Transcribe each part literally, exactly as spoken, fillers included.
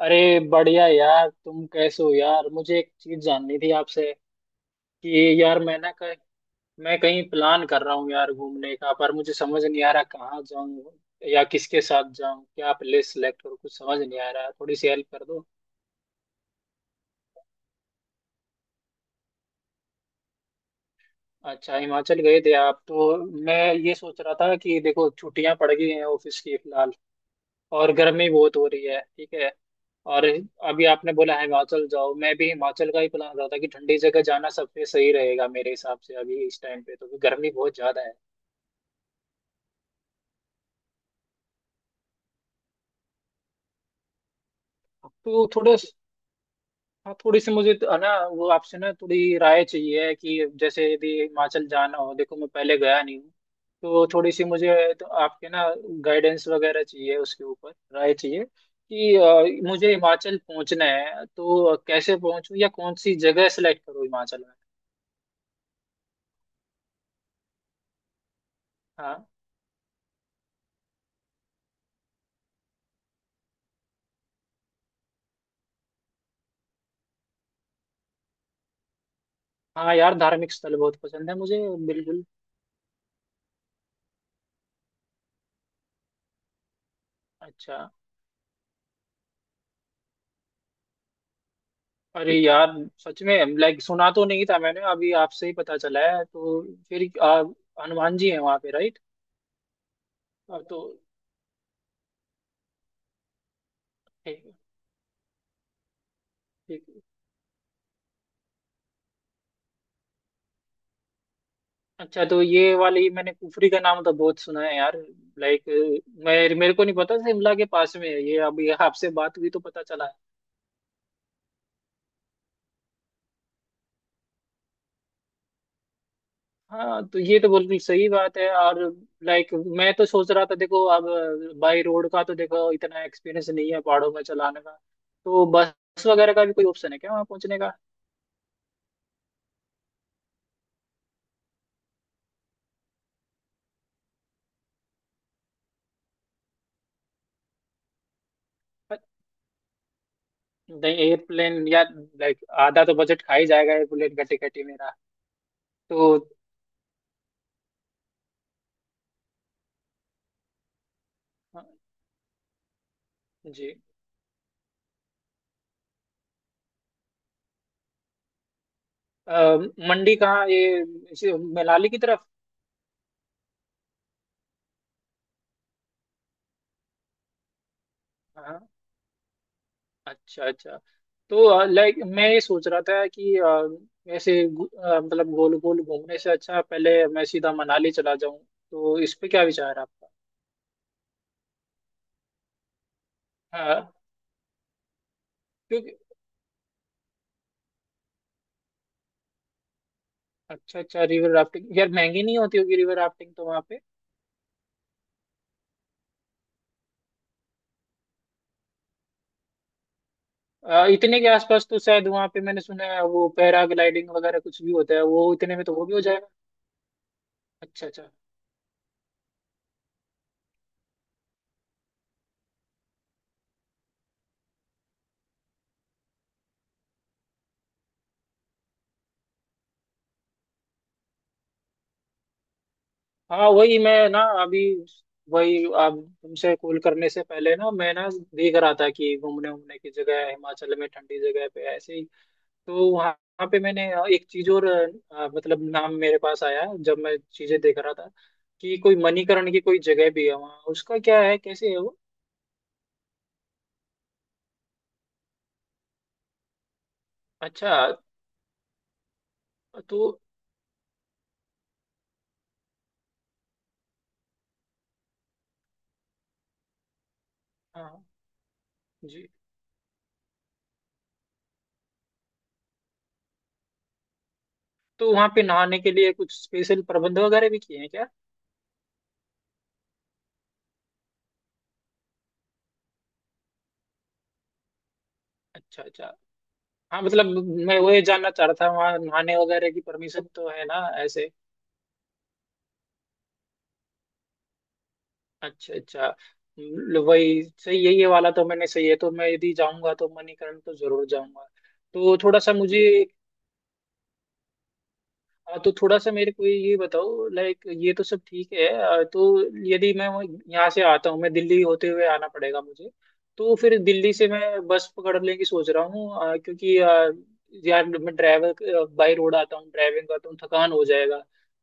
अरे बढ़िया यार, तुम कैसे हो? यार, मुझे एक चीज जाननी थी आपसे कि यार मैं ना कहीं मैं कहीं प्लान कर रहा हूँ यार घूमने का। पर मुझे समझ नहीं आ रहा कहाँ जाऊँ या किसके साथ जाऊँ, क्या आप प्लेस सेलेक्ट करूँ, कुछ समझ नहीं आ रहा है। थोड़ी सी हेल्प कर दो। अच्छा, हिमाचल गए थे आप तो। मैं ये सोच रहा था कि देखो, छुट्टियां पड़ गई हैं ऑफिस की फिलहाल, और गर्मी बहुत हो रही है, ठीक है। और अभी आपने बोला हिमाचल जाओ, मैं भी हिमाचल का ही प्लान रहा था कि ठंडी जगह जाना सबसे सही रहेगा मेरे हिसाब से अभी इस टाइम पे, तो क्योंकि गर्मी बहुत ज्यादा है। तो थोड़ा, हाँ, थोड़ी सी मुझे तो- है ना, वो आपसे ना थोड़ी राय चाहिए कि जैसे यदि हिमाचल जाना हो, देखो मैं पहले गया नहीं हूँ। तो थोड़ी सी मुझे तो आपके ना गाइडेंस वगैरह चाहिए, उसके ऊपर राय चाहिए कि अ, मुझे हिमाचल पहुंचना है तो कैसे पहुंचूं या कौन सी जगह सेलेक्ट करूं हिमाचल में। हाँ। हाँ यार, धार्मिक स्थल बहुत पसंद है मुझे, बिल्कुल। अच्छा। अरे यार, सच में लाइक सुना तो नहीं था मैंने, अभी आपसे ही पता चला है। तो फिर आ, हनुमान जी हैं वहाँ पे, राइट? तो ठीक। ठीक। अच्छा, तो ये वाली, मैंने कुफरी का नाम तो बहुत सुना है यार, लाइक। मैं, मेरे को नहीं पता शिमला के पास में है ये, अभी आपसे बात हुई तो पता चला। हाँ, तो ये तो बिल्कुल सही बात है। और लाइक, मैं तो सोच रहा था देखो अब, बाई रोड का तो देखो इतना एक्सपीरियंस नहीं है पहाड़ों में चलाने का, तो बस वगैरह का भी कोई ऑप्शन है क्या वहाँ पहुँचने का? पर नहीं, एयरप्लेन या लाइक आधा तो बजट खा ही जाएगा एयरप्लेन का टिकट ही मेरा। तो हाँ, जी। अ, मंडी कहाँ ये, इसी- मनाली की तरफ? हाँ। अच्छा अच्छा। तो लाइक मैं ये सोच रहा था कि अ, ऐसे घु- अ, मतलब गोल गोल घूमने से अच्छा पहले मैं सीधा मनाली चला जाऊं, तो इस पे क्या विचार है आपका? हाँ, क्योंकि अच्छा अच्छा, रिवर राफ्टिंग यार महंगी नहीं होती होगी रिवर राफ्टिंग तो वहाँ पे? अ, इतने के आसपास तो शायद, वहाँ पे मैंने सुना है वो पैराग्लाइडिंग वगैरह कुछ भी होता है वो, इतने में तो वो भी हो जाएगा। अच्छा अच्छा। हाँ वही मैं ना अभी, वही आप, तुमसे कॉल करने से पहले ना मैं ना देख रहा था कि घूमने घूमने की जगह है हिमाचल में, ठंडी जगह पे ऐसे ही। तो वहाँ वहाँ पे मैंने एक चीज और, अ, मतलब नाम मेरे पास आया जब मैं चीजें देख रहा था कि कोई मणिकरण की कोई जगह भी है वहाँ, उसका क्या है, कैसे है वो? अच्छा। तो हाँ जी। तो वहाँ पे नहाने के लिए कुछ स्पेशल प्रबंध वगैरह भी किए हैं क्या? अच्छा अच्छा। हाँ मतलब, मैं वही जानना चाह रहा था, वहाँ नहाने वगैरह की परमिशन तो है ना ऐसे? अच्छा अच्छा। ल- वही सही है ये वाला तो, मैंने सही है तो मैं यदि जाऊंगा तो मणिकरण तो जरूर जाऊंगा। तो थोड़ा सा मुझे, हाँ, तो थोड़ा सा मेरे को ये बताओ लाइक, ये तो सब ठीक है। अ, तो यदि मैं वहीं- यहाँ से आता हूँ, मैं दिल्ली होते हुए आना पड़ेगा मुझे। तो फिर दिल्ली से मैं बस पकड़ने की सोच रहा हूँ, अ, क्योंकि अ, यार मैं ड्राइवर बाई रोड आता हूँ, ड्राइविंग करता हूँ, थकान हो जाएगा।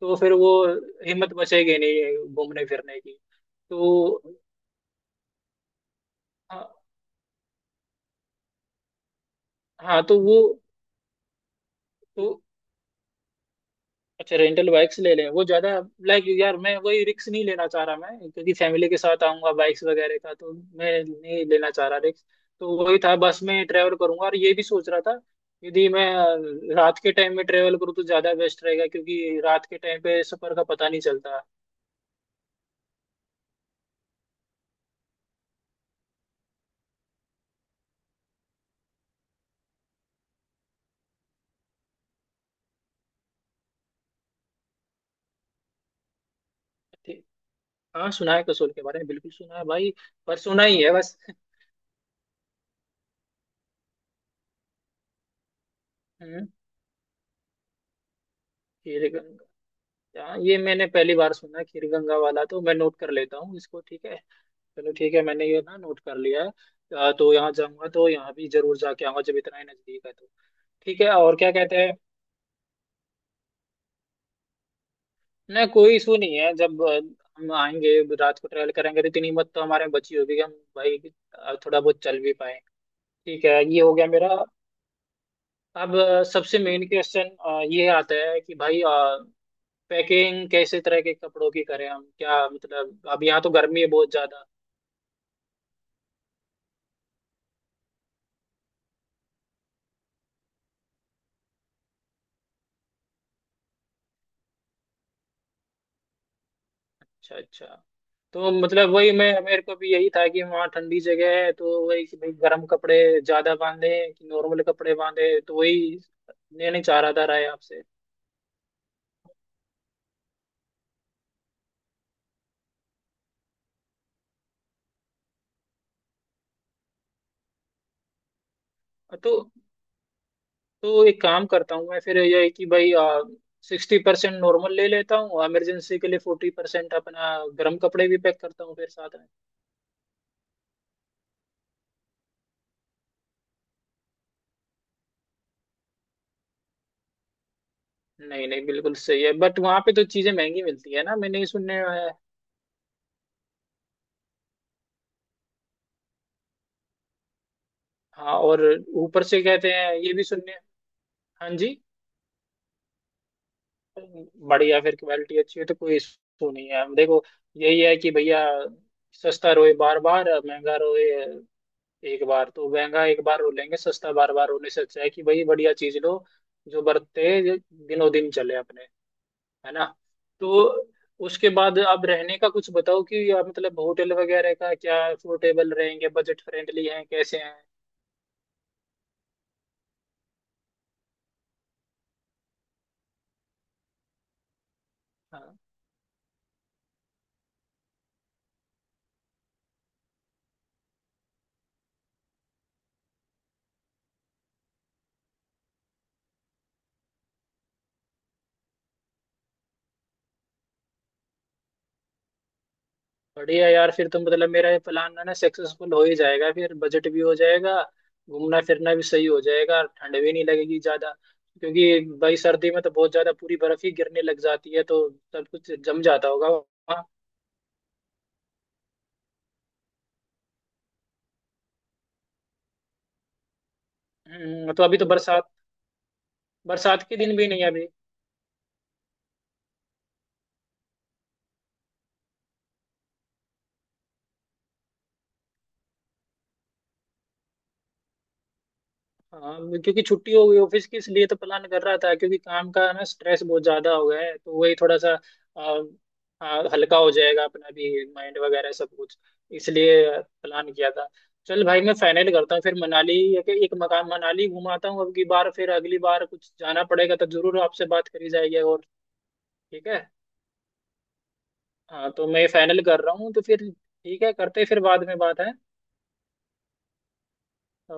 तो फिर वो हिम्मत बचेगी नहीं घूमने फिरने की। तो हाँ। हाँ, तो वो। तो अच्छा, रेंटल बाइक्स ले लें, वो ज्यादा, लाइक यार मैं वही रिक्स नहीं लेना चाह रहा मैं, क्योंकि फैमिली के साथ आऊंगा, बाइक्स वगैरह का तो मैं नहीं लेना चाह रहा रिक्स। तो वही था, बस में ट्रेवल करूंगा। और ये भी सोच रहा था, यदि मैं अ, रात के टाइम में ट्रेवल करूँ तो ज्यादा बेस्ट रहेगा क्योंकि रात के टाइम पे सफर का पता नहीं चलता। ठीक। हाँ सुना है कसोल के बारे में, बिल्कुल सुना है भाई। पर सुना ही है बस। हम्म। खीर गंगा। हाँ ये मैंने पहली बार सुना, खीर गंगा वाला तो मैं नोट कर लेता हूँ इसको, ठीक है। चलो ठीक है, मैंने ये ना नोट कर लिया है। अ, तो यहाँ जाऊंगा तो यहाँ भी जरूर जाके आऊंगा जब इतना ही नजदीक है तो। ठीक है, और क्या कहते हैं? ना, कोई इशू नहीं है। जब अ, हम आएंगे, रात को ट्रैवल करेंगे तो इतनी हिम्मत तो हमारे में बची होगी कि हम भाई अ, थोड़ा बहुत चल भी पाए। ठीक है, ये हो गया मेरा। अब अ, सबसे मेन क्वेश्चन ये आता है कि भाई पैकिंग कैसे तरह के कपड़ों की करें हम, क्या मतलब, अब यहाँ तो गर्मी है बहुत ज्यादा। अच्छा अच्छा। तो मतलब वही मैं, मेरे को भी यही था कि वहाँ ठंडी जगह है तो वही कि भाई गर्म कपड़े ज्यादा बांधे कि नॉर्मल कपड़े बांधे, तो वही लेने चाह रहा था राय आपसे। तो तो एक काम करता हूँ मैं फिर, ये है कि भाई सिक्सटी परसेंट नॉर्मल ले लेता हूँ, इमरजेंसी के लिए फोर्टी परसेंट अपना गर्म कपड़े भी पैक करता हूँ फिर साथ में। नहीं नहीं, बिल्कुल सही है। बट वहाँ पे तो चीजें महंगी मिलती है ना, मैंने ये सुनने में आया है। हाँ, और ऊपर से कहते हैं, ये भी सुनने। हाँ जी। बढ़िया, फिर क्वालिटी अच्छी है तो कोई इशू नहीं है देखो। यही है कि भैया, सस्ता रोए बार बार, महंगा रोए एक बार, तो महंगा एक बार रो लेंगे, सस्ता बार बार रोने से अच्छा है कि भाई बढ़िया चीज लो, जो बरते दिनों दिन चले अपने। है ना? तो उसके बाद आप रहने का कुछ बताओ कि आप मतलब होटल वगैरह का क्या, अफोर्डेबल रहेंगे, बजट फ्रेंडली हैं, कैसे हैं? हाँ। बढ़िया यार, फिर तो मतलब मेरा ये प्लान ना ना सक्सेसफुल हो ही जाएगा, फिर बजट भी हो जाएगा, घूमना फिरना भी सही हो जाएगा, ठंड भी नहीं लगेगी ज्यादा, क्योंकि भाई सर्दी में तो बहुत ज्यादा पूरी बर्फ ही गिरने लग जाती है, तो सब कुछ जम जाता होगा वहाँ। हम्म, तो अभी तो बरसात बरसात के दिन भी नहीं है अभी। हाँ, क्योंकि छुट्टी हो गई ऑफिस की इसलिए तो प्लान कर रहा था, क्योंकि काम का ना स्ट्रेस बहुत ज्यादा हो गया है, तो वही थोड़ा सा आ, आ, हल्का हो जाएगा अपना भी माइंड वगैरह सब कुछ, इसलिए प्लान किया था। चल भाई, मैं फाइनल करता हूँ फिर मनाली, या कि एक मकान मनाली घुमाता हूँ अब की बार, फिर अगली बार कुछ जाना पड़ेगा तो जरूर आपसे बात करी जाएगी। और ठीक है। हाँ तो मैं फाइनल कर रहा हूँ तो फिर ठीक है, करते हैं फिर बाद में बात है।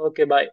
Okay bye.